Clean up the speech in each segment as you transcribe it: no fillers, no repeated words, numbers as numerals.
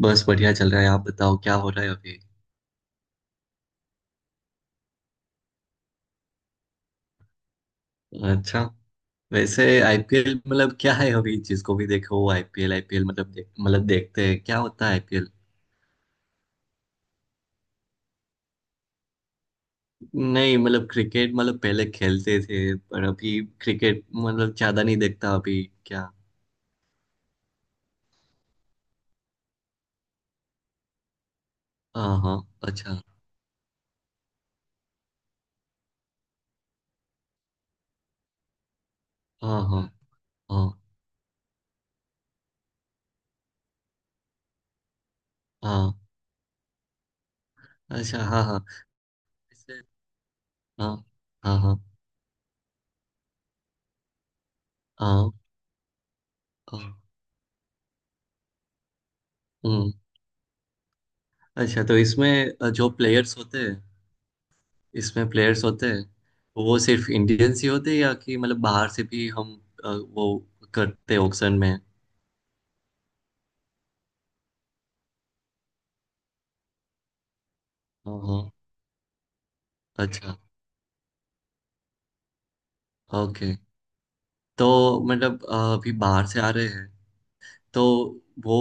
बस बढ़िया चल रहा है। आप बताओ क्या हो रहा है अभी। अच्छा। वैसे आईपीएल मतलब क्या है अभी? जिसको भी देखो आईपीएल आईपीएल, मतलब मतलब देखते हैं क्या होता है आईपीएल। नहीं मतलब क्रिकेट मतलब पहले खेलते थे, पर अभी क्रिकेट मतलब ज्यादा नहीं देखता अभी क्या। हाँ हाँ। अच्छा। हाँ हाँ। हाँ हाँ। अच्छा। हाँ हाँ। वैसे- हाँ हाँ। हाँ हाँ। हाँ, हम्म। अच्छा, तो इसमें जो प्लेयर्स होते हैं इसमें प्लेयर्स होते हैं, तो वो सिर्फ इंडियंस ही होते हैं या कि मतलब बाहर से भी हम वो करते हैं ऑक्शन में। हाँ हाँ। अच्छा। ओके। तो मतलब अभी बाहर से आ रहे हैं तो वो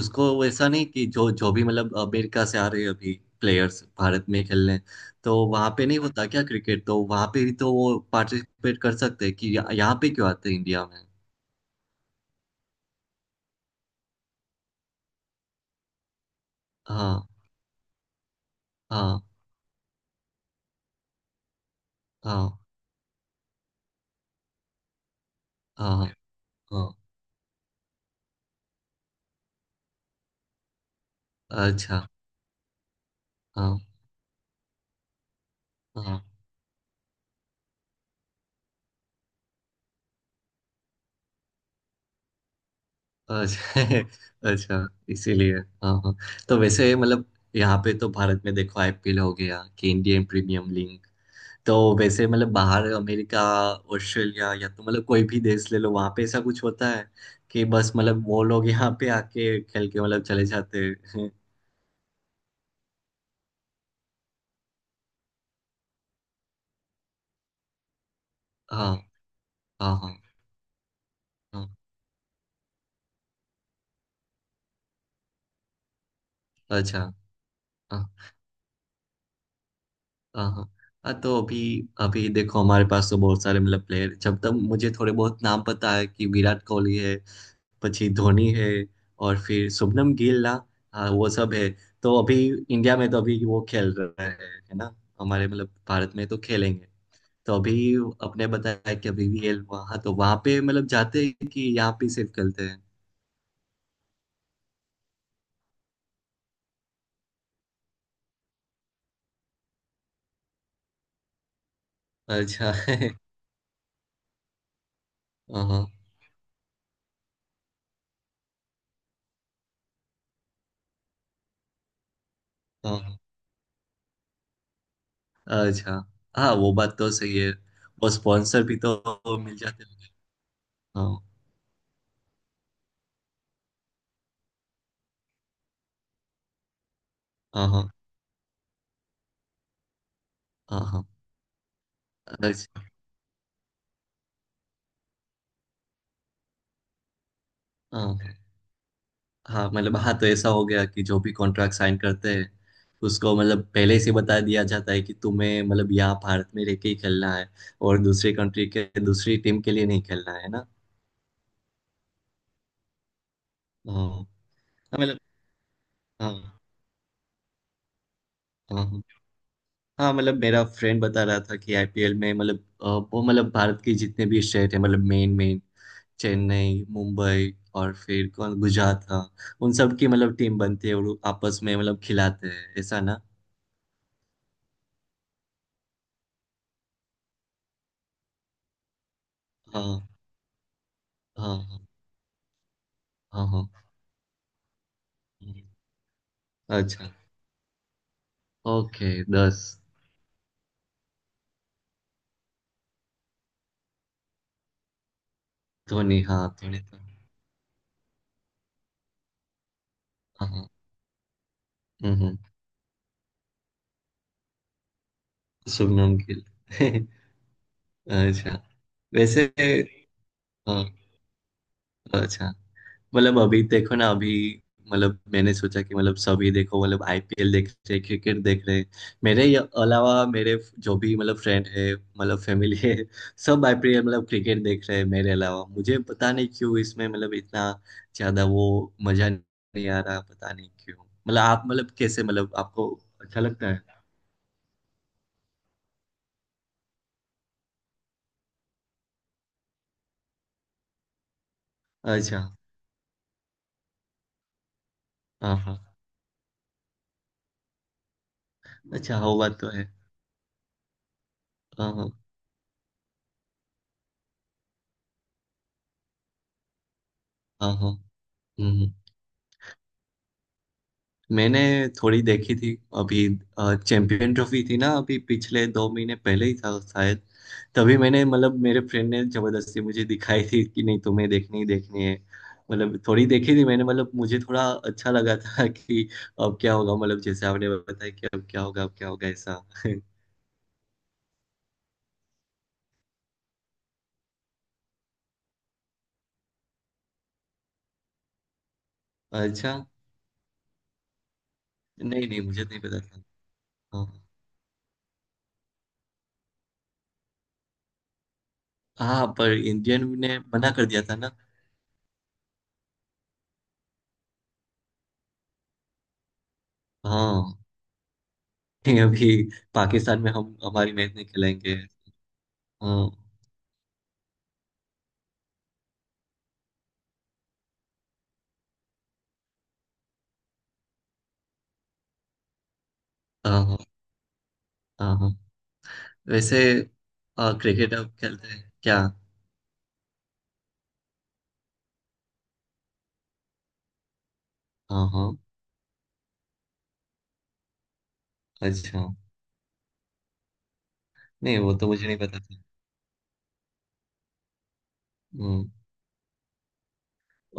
उसको वैसा नहीं कि जो जो भी मतलब अमेरिका से आ रहे हैं अभी प्लेयर्स भारत में खेलने। तो वहाँ पे नहीं होता क्या क्रिकेट? तो वहाँ पे भी तो वो पार्टिसिपेट कर सकते हैं कि यहाँ यहाँ पे क्यों आते हैं इंडिया में? हाँ हाँ। हाँ हाँ। हाँ हाँ। अच्छा। हाँ हाँ। अच्छा अच्छा इसीलिए। हाँ हाँ। तो वैसे मतलब यहाँ पे तो भारत में देखो आईपीएल हो गया कि इंडियन प्रीमियम लीग। तो वैसे मतलब बाहर अमेरिका, ऑस्ट्रेलिया या तो मतलब कोई भी देश ले लो वहाँ पे ऐसा कुछ होता है कि बस मतलब वो लोग यहाँ पे आके खेल के मतलब चले जाते हैं हाँ हाँ। हाँ हाँ। अच्छा। हाँ। हाँ हाँ। हाँ, तो अभी अभी देखो हमारे पास तो बहुत सारे मतलब प्लेयर जब तक मुझे थोड़े बहुत नाम पता है कि विराट कोहली है, પછી धोनी है, और फिर शुभमन गिल ना। हाँ वो सब है। तो अभी इंडिया में तो अभी वो खेल रहा है ना। हमारे मतलब भारत में तो खेलेंगे। तो अभी अपने बताया कि अभी वीएल वहाँ तो वहाँ पे मतलब जाते हैं कि यहाँ पे सिर्फ खेलते हैं। अच्छा हाँ हाँ। अच्छा। हाँ वो बात तो सही है। और स्पॉन्सर भी तो मिल जाते हैं। हाँ हाँ। हाँ हाँ। हाँ। बस, हाँ हाँ मतलब। हाँ, तो ऐसा हो गया कि जो भी कॉन्ट्रैक्ट साइन करते हैं उसको मतलब पहले से बता दिया जाता है कि तुम्हें मतलब यहाँ भारत में रह के ही खेलना है और दूसरी कंट्री के, दूसरी टीम के लिए नहीं खेलना है ना। हाँ। हाँ, मतलब। हाँ हाँ। हाँ, हाँ, मतलब मेरा फ्रेंड बता रहा था कि आईपीएल में मतलब अ, वो मतलब भारत के जितने भी स्टेट है मतलब मेन मेन चेन्नई मुंबई और फिर कौन गुजरात हाँ। उन सब की मतलब टीम बनती है और वो आपस में मतलब खिलाते हैं ऐसा ना। हाँ हाँ हाँ हाँ हाँ। हम्म। अच्छा। ओके 10। धोनी, हाँ धोनी था। हाँ हाँ, हम्म। शुभमन गिल अच्छा। वैसे हाँ, अच्छा मतलब अभी देखो ना अभी मतलब मैंने सोचा कि मतलब सभी देखो मतलब आईपीएल देख रहे क्रिकेट देख रहे। अलावा मेरे जो भी मतलब फ्रेंड है मतलब फैमिली है सब आईपीएल मतलब क्रिकेट देख रहे हैं मेरे अलावा। मुझे पता नहीं क्यों इसमें मतलब इतना ज्यादा वो मजा नहीं आ रहा पता नहीं क्यों। मतलब आप मतलब कैसे मतलब आपको अच्छा लगता है? अच्छा। हाँ हाँ। अच्छा, हो बात तो है। हाँ हाँ। हाँ हाँ। हम्म हम्म। मैंने थोड़ी देखी थी अभी, चैंपियन ट्रॉफी थी ना, अभी पिछले 2 महीने पहले ही था शायद। तभी मैंने मतलब मेरे फ्रेंड ने जबरदस्ती मुझे दिखाई थी कि नहीं तुम्हें देखनी ही देखनी है। मतलब थोड़ी देखी थी मैंने, मतलब मुझे थोड़ा अच्छा लगा था कि अब क्या होगा, मतलब जैसे आपने बताया कि अब क्या होगा ऐसा अच्छा। नहीं नहीं मुझे नहीं पता था। हाँ। हाँ पर इंडियन ने मना कर दिया था ना। हाँ अभी पाकिस्तान में हम हमारी मैच नहीं खिलाएंगे। हाँ हाँ हाँ। हाँ हाँ। वैसे क्रिकेट आप खेलते हैं क्या? हाँ हाँ। अच्छा। नहीं वो तो मुझे नहीं पता था। हम्म।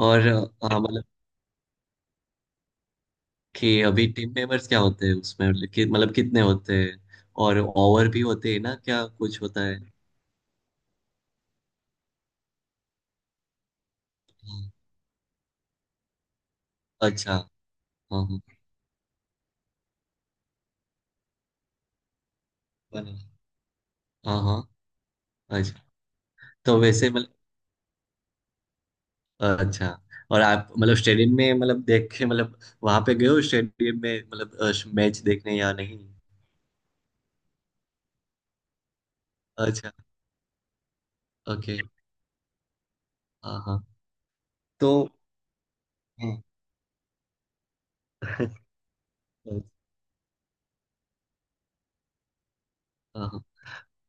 और मतलब कि अभी टीम मेंबर्स क्या होते हैं उसमें मतलब कि मतलब कितने होते हैं? और ओवर भी होते हैं ना क्या कुछ होता है? हाँ, अच्छा। हाँ हाँ। बना- हाँ हाँ। अच्छा। तो वैसे मतलब, अच्छा और आप मतलब स्टेडियम में मतलब देख के मतलब वहां पे गए हो स्टेडियम में मतलब मैच देखने या नहीं? अच्छा। ओके। हाँ हाँ। तो हम्म। हाँ, हाँ।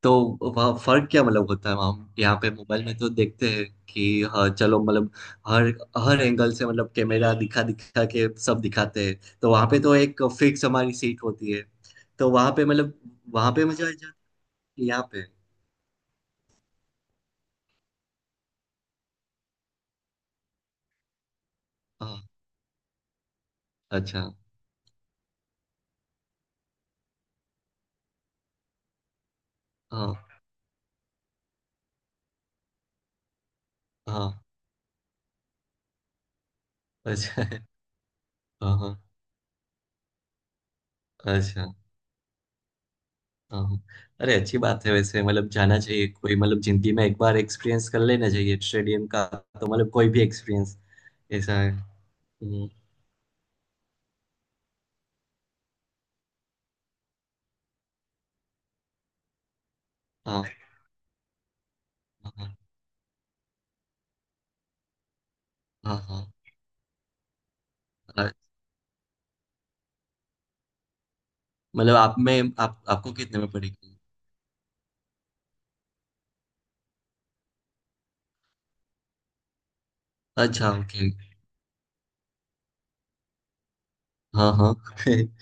तो वहाँ फर्क क्या मतलब होता है? वहाँ यहाँ पे मोबाइल में तो देखते हैं कि हाँ चलो मतलब हर हर एंगल से मतलब कैमरा दिखा दिखा के सब दिखाते हैं, तो वहाँ पे तो एक फिक्स हमारी सीट होती है तो वहाँ पे मतलब वहाँ पे मजा आ जाता है कि यहाँ पे। हाँ। अच्छा। हाँ हाँ। अच्छा। हाँ हाँ, अच्छा। हाँ हाँ। अरे अच्छी बात है वैसे मतलब जाना चाहिए, कोई मतलब जिंदगी में एक बार एक्सपीरियंस कर लेना चाहिए स्टेडियम का। तो मतलब कोई भी एक्सपीरियंस ऐसा है। हम्म। हाँ हाँ। हाँ हाँ। हाँ। अ- मतलब आप में आप आपको कितने में पड़ेगी? अच्छा ओके। हाँ हाँ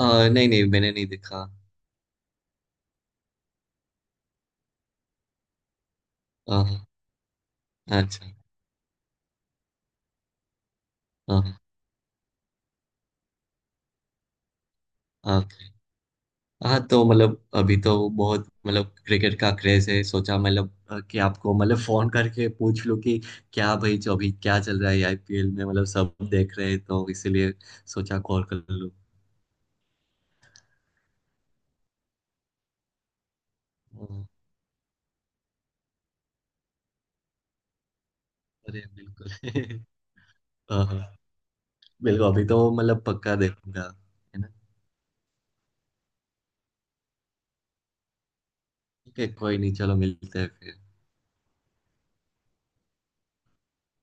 नहीं नहीं मैंने नहीं देखा। हाँ हाँ, अच्छा। हाँ हाँ। ओके। हाँ, तो मतलब अभी तो बहुत मतलब क्रिकेट का क्रेज है, सोचा मतलब कि आपको मतलब फोन करके पूछ लूं कि क्या भाई जो अभी क्या चल रहा है आईपीएल में मतलब सब देख रहे हैं तो इसीलिए सोचा कॉल कर लूं। अ, अरे बिल्कुल हाँ हाँ बिल्कुल। अभी तो मतलब पक्का देखूंगा। है ना। ठीक है कोई नहीं, चलो मिलते हैं फिर।